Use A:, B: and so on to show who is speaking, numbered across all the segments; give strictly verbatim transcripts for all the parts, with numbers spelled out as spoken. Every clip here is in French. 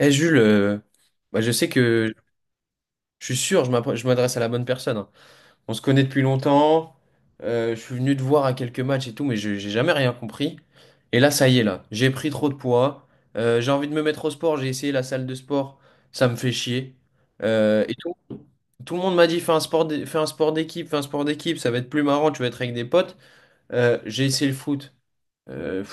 A: Eh Jules, euh, bah, je sais que je suis sûr, je m'appro- je m'adresse à la bonne personne, hein. On se connaît depuis longtemps. Euh, je suis venu te voir à quelques matchs et tout, mais je j'ai jamais rien compris. Et là, ça y est, là, j'ai pris trop de poids. Euh, j'ai envie de me mettre au sport. J'ai essayé la salle de sport, ça me fait chier. Euh, et tout, tout le monde m'a dit, fais un sport, d'é- fais un sport d'équipe, fais un sport d'équipe, ça va être plus marrant, tu vas être avec des potes. Euh, j'ai essayé le foot. euh,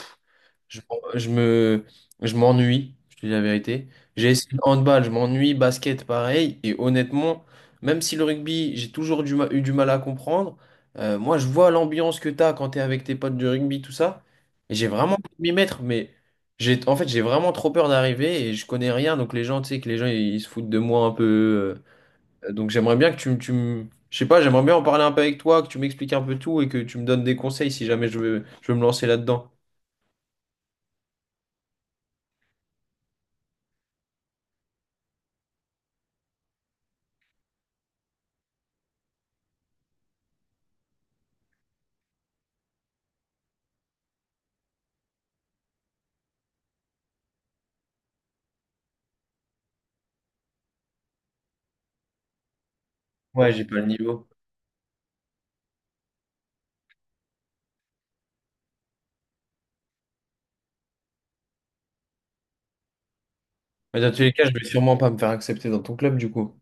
A: je, je me, je m'ennuie, je te dis la vérité. J'ai essayé le handball, je m'ennuie, basket, pareil. Et honnêtement, même si le rugby, j'ai toujours du ma- eu du mal à comprendre, euh, moi, je vois l'ambiance que tu as quand tu es avec tes potes de rugby, tout ça. Et j'ai vraiment envie de m'y mettre, mais j'ai, en fait, j'ai vraiment trop peur d'arriver et je connais rien. Donc, les gens, tu sais, que les gens, ils, ils se foutent de moi un peu. Euh, donc, j'aimerais bien que tu, me- tu me. Je sais pas, j'aimerais bien en parler un peu avec toi, que tu m'expliques un peu tout et que tu me donnes des conseils si jamais je veux, je veux me lancer là-dedans. Ouais, j'ai pas le niveau. Mais dans tous les cas, je vais sûrement pas me faire accepter dans ton club, du coup.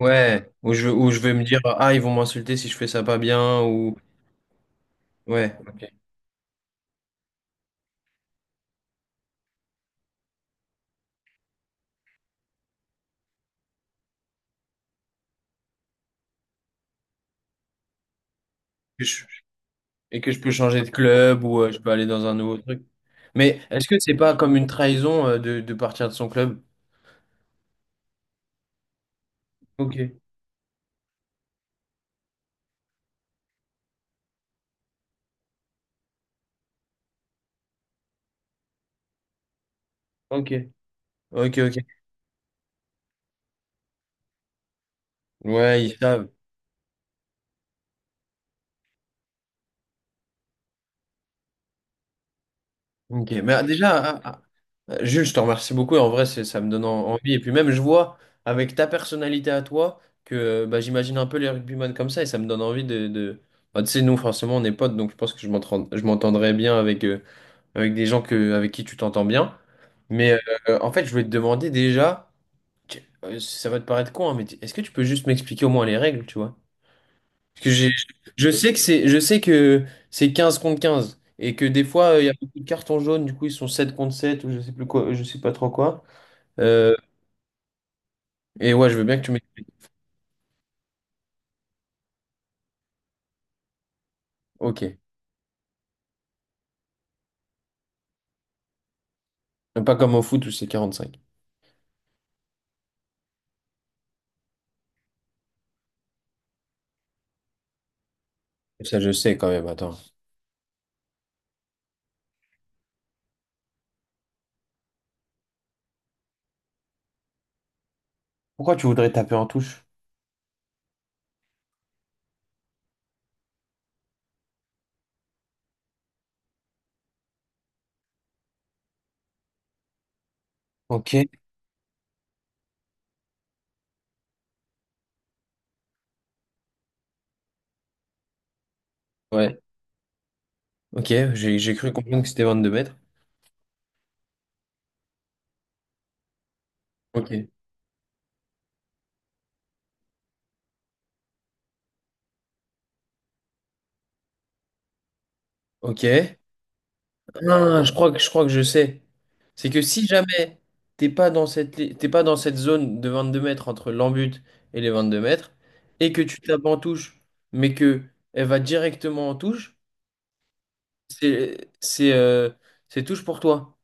A: Ouais, ou je, ou je vais me dire, ah, ils vont m'insulter si je fais ça pas bien, ou. Ouais, ok. Que je- Et que je peux changer de club, ou euh, je peux aller dans un nouveau truc. Mais est-ce que c'est pas comme une trahison euh, de, de partir de son club? Ok, ok, ok, ok. Ouais, ils savent. Ok, mais ah, déjà, ah. Euh, Jules, je te remercie beaucoup. En vrai, c'est, ça me donne en- envie. Et puis même, je vois avec ta personnalité à toi que euh, bah, j'imagine un peu les rugbyman comme ça et ça me donne envie de... de... Bah, tu sais, nous, forcément, on est potes, donc je pense que je m'entends- je m'entendrai bien avec, euh, avec des gens que, avec qui tu t'entends bien. Mais euh, en fait, je voulais te demander déjà, tu- euh, ça va te paraître con, hein, mais tu- est-ce que tu peux juste m'expliquer au moins les règles, tu vois? Parce que j'ai, je sais que c'est, je sais que c'est quinze contre quinze et que des fois, euh, il y a beaucoup de cartons jaunes, du coup, ils sont sept contre sept ou je sais plus quoi, je sais pas trop quoi. Euh, et ouais, je veux bien que tu m'expliques. Ok. Pas comme au foot où c'est quarante-cinq. Ça, je sais quand même, attends. Pourquoi tu voudrais taper en touche? Ok. Ouais. Ok, j'ai j'ai cru comprendre que c'était vingt-deux mètres. Ok. Ok. Ah, je crois que je crois que je sais. C'est que si jamais t'es pas dans cette li- t'es pas dans cette zone de vingt-deux mètres entre l'en-but et les vingt-deux mètres et que tu tapes en touche mais que elle va directement en touche, c'est c'est euh, c'est touche pour toi.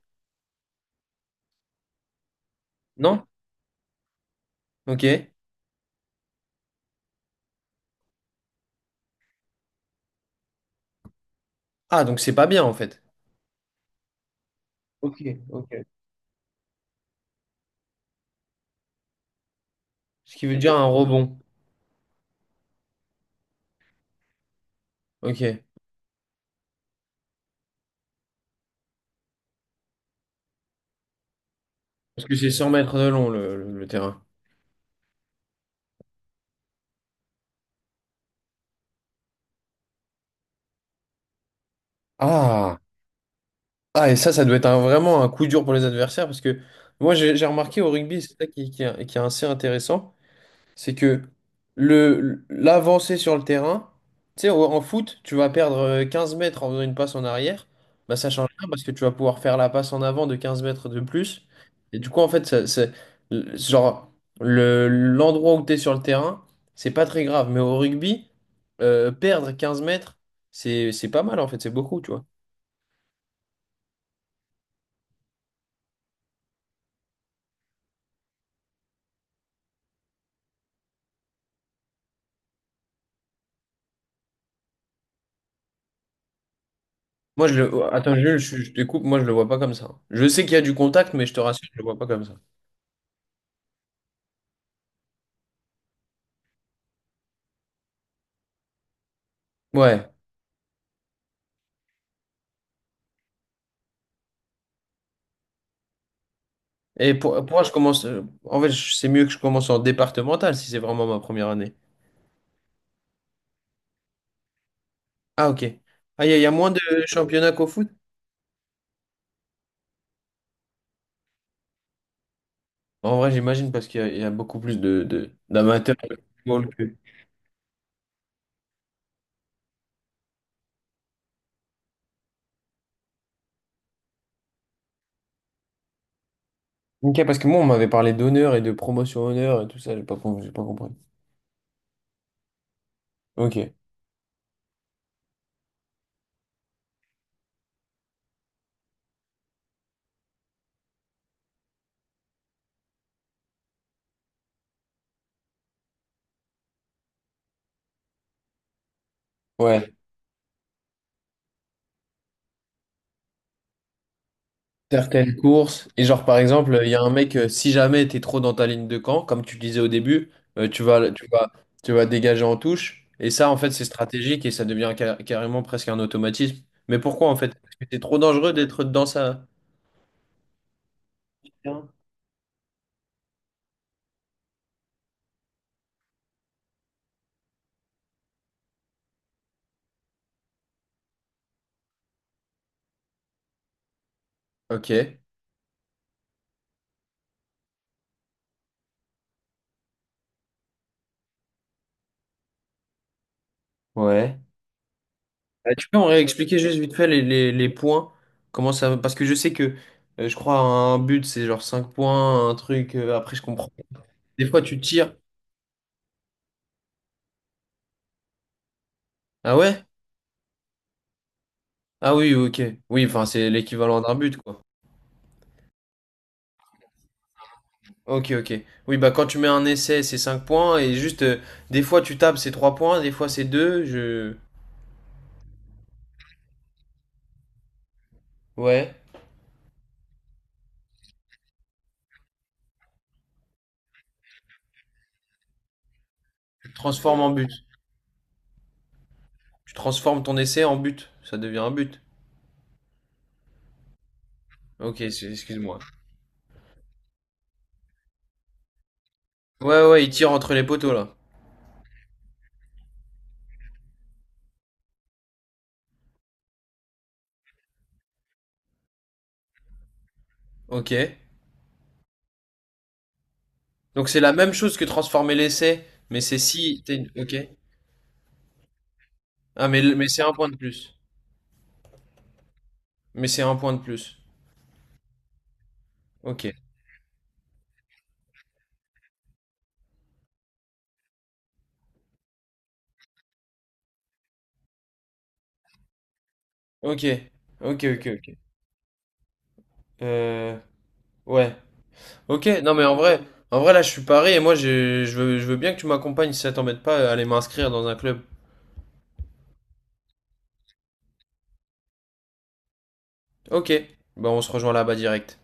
A: Non? Ok. Ah, donc c'est pas bien en fait. Ok, ok. Ce qui veut dire un rebond. Ok. Parce que c'est cent mètres de long le, le- le terrain. Ah. Ah, et ça, ça doit être un- vraiment un coup dur pour les adversaires parce que moi, j'ai j'ai remarqué au rugby, c'est ça qui, qui est, qui est assez intéressant. C'est que le l'avancée sur le terrain, tu sais, au- en foot, tu vas perdre euh, quinze mètres en faisant une passe en arrière, bah ça change rien parce que tu vas pouvoir faire la passe en avant de quinze mètres de plus. Et du coup, en fait, ça- c'est le- genre le l'endroit où tu es sur le terrain, c'est pas très grave. Mais au rugby, euh, perdre quinze mètres, c'est c'est pas mal en fait, c'est beaucoup, tu vois. Moi, je le... Attends, Jules, je, je te coupe, moi je le vois pas comme ça. Je sais qu'il y a du contact, mais je te rassure, je le vois pas comme ça. Ouais. Et pour, pour moi, je commence. Euh, En fait, je- c'est mieux que je commence en départemental si c'est vraiment ma première année. Ah, ok. Ah, il y, a il y a moins de championnats qu'au foot? En vrai, j'imagine parce qu'il y, a il y a beaucoup plus de, de- d'amateurs de football que. Ok, parce que moi, on m'avait parlé d'honneur et de promotion honneur et tout ça, j'ai pas, com- j'ai pas compris. Ok. Ouais. Certaines courses. Et genre, par exemple, il y a un mec, euh, si jamais t'es trop dans ta ligne de camp, comme tu disais au début, euh, tu vas, tu vas, tu vas dégager en touche. Et ça, en fait, c'est stratégique et ça devient ca- carrément presque un automatisme. Mais pourquoi, en fait? Parce que c'est trop dangereux d'être dans sa. Ok. Ouais. Euh, Tu peux en réexpliquer juste vite fait les, les, les points? Comment ça. Parce que je sais que, euh, je crois, un but, c'est genre cinq points, un truc. Euh, après, je comprends. Des fois, tu tires. Ah ouais? Ah oui, ok. Oui, enfin, c'est l'équivalent d'un but, quoi. Ok, ok. Oui, bah quand tu mets un essai, c'est cinq points, et juste, euh, des fois tu tapes, c'est trois points, des fois c'est deux. je... Ouais. Tu le transformes en but. Tu transformes ton essai en but. Ça devient un but. Ok, c'est- excuse-moi. Ouais, ouais, il tire entre les poteaux, là. Ok. Donc c'est la même chose que transformer l'essai, mais c'est si. t'es une- Ok. Ah, mais, le- mais c'est un point de plus. Mais c'est un point de plus. Ok. Ok. Ok, ok, ok. Euh... Ouais. Ok, non mais en vrai, en vrai là je suis paré et moi j'ai- je veux, je veux bien que tu m'accompagnes si ça t'embête pas à aller m'inscrire dans un club. Ok, bah on se rejoint là-bas direct.